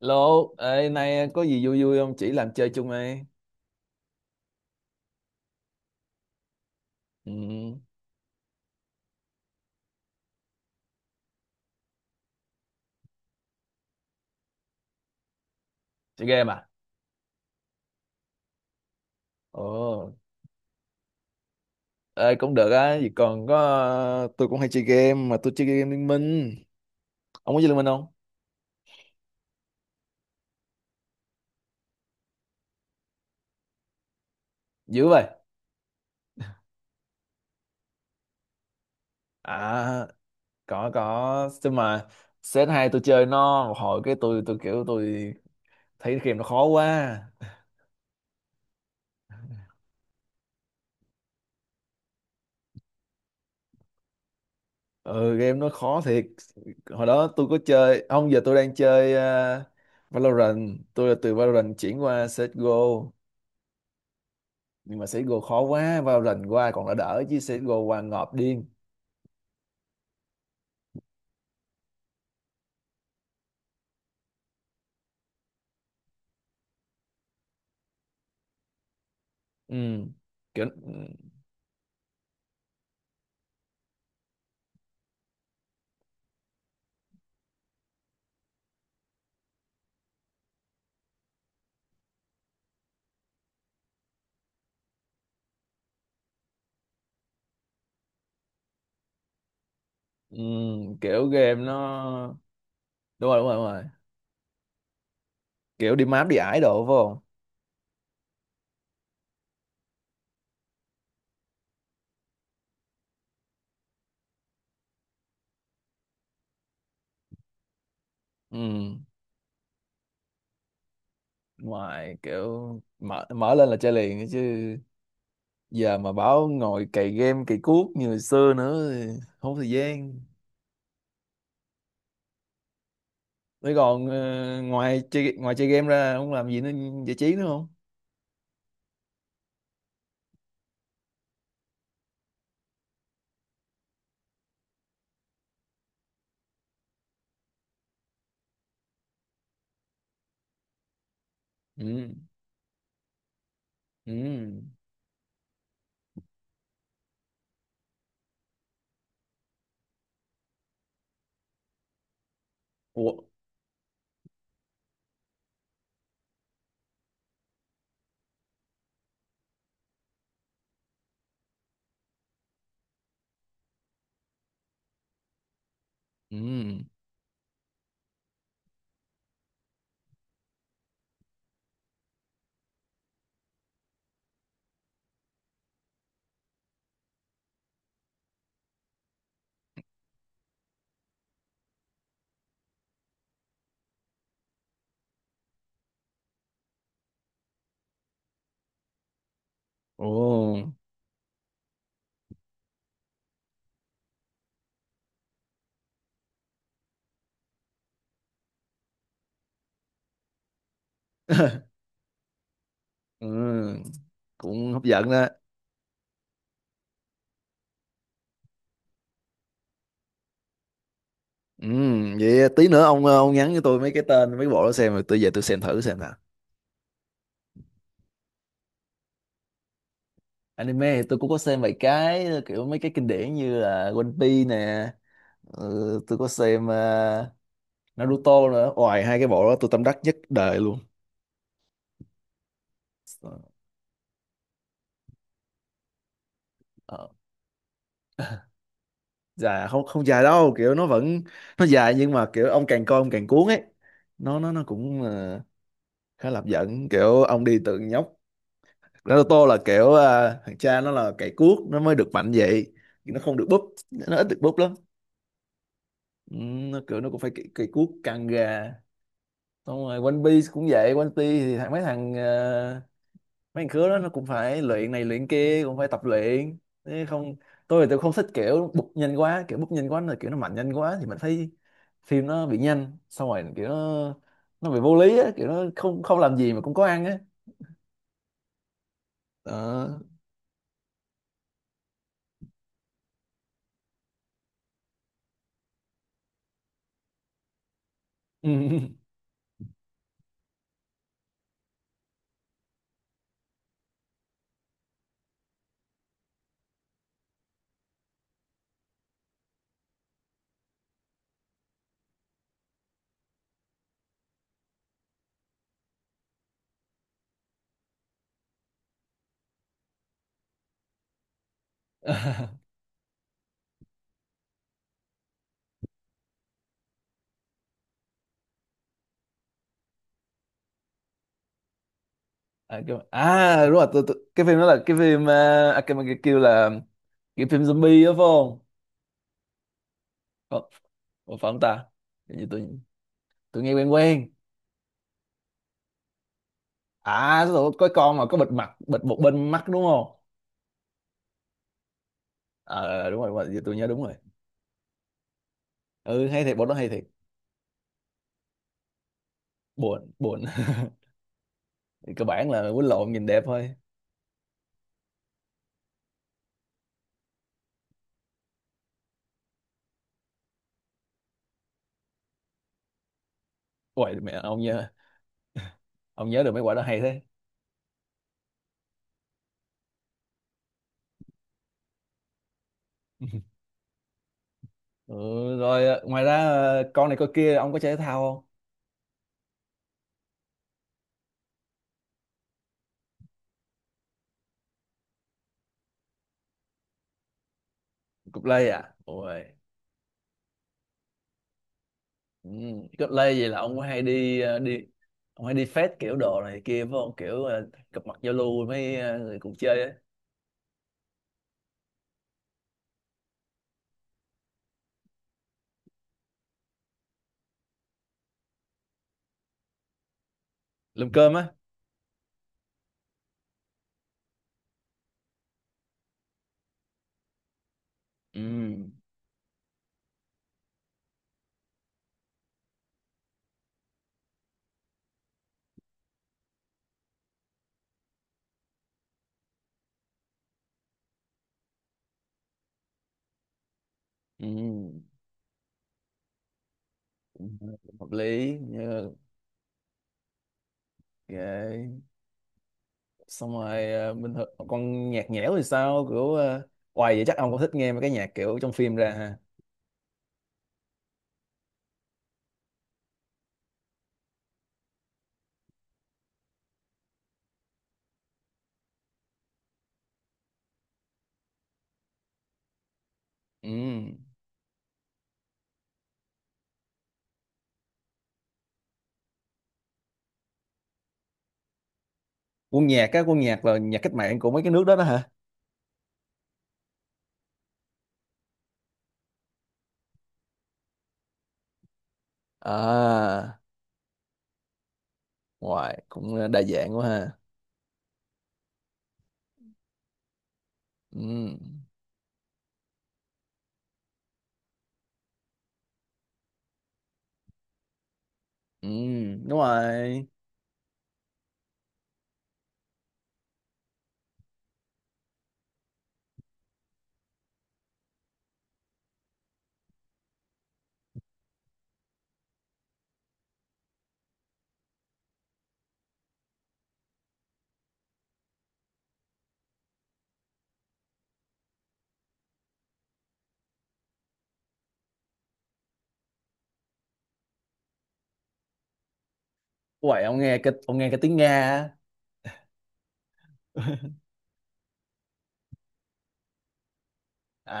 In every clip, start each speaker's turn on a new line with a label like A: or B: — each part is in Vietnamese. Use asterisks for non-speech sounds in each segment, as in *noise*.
A: Lô, ê, nay có gì vui vui không? Chỉ làm chơi chung đi. Ừ, chơi game à? Ồ, ê, cũng được á. Vì còn có, tôi cũng hay chơi game, mà tôi chơi game Liên Minh. Ông có chơi Liên Minh không? Dữ vậy. À, có, có. Chứ mà set hai tôi chơi nó, một hồi cái tôi kiểu tôi thấy game nó khó quá. *laughs* Ừ, game nó khó thiệt. Hồi đó tôi có chơi, không giờ tôi đang chơi Valorant. Tôi là từ Valorant chuyển qua CSGO. Nhưng mà CSGO khó quá, Valorant qua còn đã đỡ chứ CSGO qua ngợp điên. Ừ. Kiểu ừ. Kiểu game nó đúng rồi, đúng rồi, đúng rồi. Kiểu đi map đi ải đồ phải không? Ừ. Ngoài kiểu mở mở lên là chơi liền ấy chứ, giờ mà bảo ngồi cày game cày cuốc như hồi xưa nữa thì không có thời gian. Thế còn ngoài chơi, game ra không làm gì nữa, giải trí nữa không? Ừ. Ừ. Ủa? Ừ. Ồ. *laughs* Ừ, cũng hấp dẫn đó. Ừ, vậy tí nữa ông nhắn cho tôi mấy cái tên mấy cái bộ đó, xem rồi tôi về tôi xem thử xem nào. Anime thì tôi cũng có xem vài cái kiểu mấy cái kinh điển như là One Piece nè. Ừ, tôi có xem Naruto nữa, ngoài hai cái bộ đó tôi tâm đắc nhất đời luôn. Ờ, dài không, không dài đâu, kiểu nó vẫn, nó dài nhưng mà kiểu ông càng coi ông càng cuốn ấy. Nó cũng khá là hấp dẫn, kiểu ông đi từ nhóc. Naruto là kiểu thằng cha nó là cày cuốc nó mới được mạnh vậy, nó không được búp, nó ít được búp lắm. Ừ, nó kiểu nó cũng phải cày cuốc căng gà. Xong rồi One Piece cũng vậy, One Piece thì thằng mấy thằng à, mấy thằng khứa đó nó cũng phải luyện này luyện kia, cũng phải tập luyện thế không. Tôi thì tôi không thích kiểu búp nhanh quá, kiểu búp nhanh quá là kiểu nó mạnh nhanh quá thì mình thấy phim nó bị nhanh, xong rồi kiểu nó bị vô lý á, kiểu nó không không làm gì mà cũng có ăn á. Đó. *laughs* À, đúng rồi tôi, cái phim đó là cái phim cái kêu là cái phim zombie đó phải không? Ờ, Ủa phải không ta? Hình như tôi nghe quen quen. À, tôi có con mà có bịt mặt, bịt một bên mắt đúng không? Ờ đúng rồi, giờ tôi nhớ đúng rồi. Ừ hay thiệt, bộ đó hay thiệt. Buồn, buồn. *laughs* Thì cơ bản là quýnh lộn nhìn đẹp thôi. Ôi mẹ, ông nhớ được mấy quả đó hay thế. *laughs* Ừ rồi, ngoài ra con này con kia ông có chơi thể thao không? Cục lây à? Ôi. Ừ. Cách Lê vậy là ông có hay đi ờ, đi ông hay đi fest kiểu đồ này kia phải không, kiểu gặp mặt giao lưu với mấy người cùng chơi á? Lùm cơm á. Ừ. Ừ. Cũng hợp lý như xong rồi. Ờ, bình thường con nhạc nhẽo thì sao, kiểu hoài vậy chắc ông cũng thích nghe mấy cái nhạc kiểu trong phim ra ha? Ừ. Quân nhạc á, quân nhạc là nhạc cách mạng của mấy cái nước đó đó hả? À, ngoài cũng đa dạng quá ha. Ừ. Ừ. Đúng rồi. Uầy, ông nghe cái tiếng Nga á. à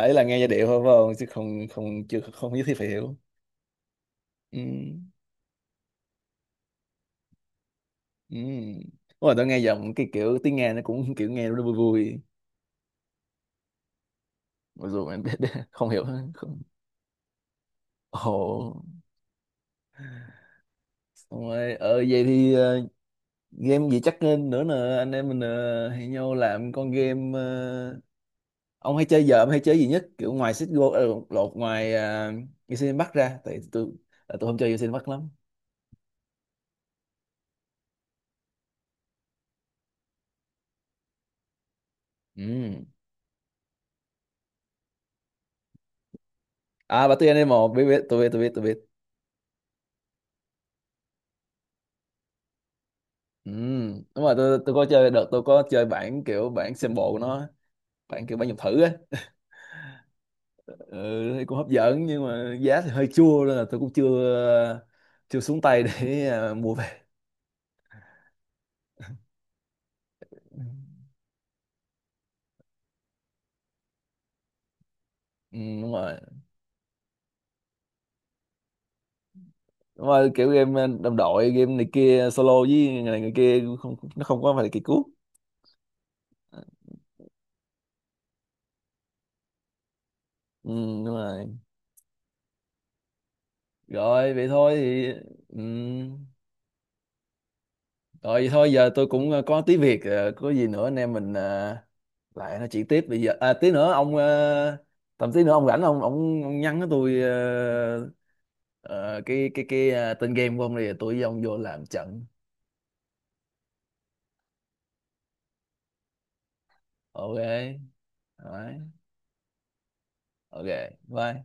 A: ấy là nghe giai điệu thôi phải không, chứ không không chưa không nhất thiết phải hiểu. Ừ. Ừ. Ủa, tôi nghe giọng cái kiểu tiếng Nga nó cũng kiểu nghe nó vui vui, mặc dù mình biết *laughs* không hiểu hết. Không. Ồ. Xong rồi vậy thì, game gì chắc nên nữa nè, anh em mình hẹn nhau làm con game. Ờ, ông hay chơi gì nhất kiểu ngoài CSGO, lột ngoài Genshin Impact ra, tại tôi là tôi không chơi Genshin Impact lắm. Ừ. À, bà Tiên M1 biết, tôi biết, tôi biết, tôi biết. Ừ. Đúng rồi, tôi có chơi, đợt tôi có chơi bản kiểu sample của nó, bản kiểu dùng thử á. Ừ, thì cũng hấp dẫn nhưng mà giá thì hơi chua, nên là tôi cũng chưa chưa xuống tay để *laughs* mua về. Ừ, đúng rồi. Đúng rồi, kiểu game đồng đội game này kia solo với người này người kia cũng không, nó không có phải là kỳ cú. Ừ, đúng rồi. Rồi vậy thôi thì. Ừ. Rồi vậy thôi, giờ tôi cũng có tí việc, có gì nữa anh em mình lại nói chuyện tiếp. Bây giờ tí nữa ông ờ, tầm tí nữa ông rảnh, ông nhắn cho tôi tên game của ông đi, tôi với ông vô làm trận. Ok. Đấy. Ok. Bye.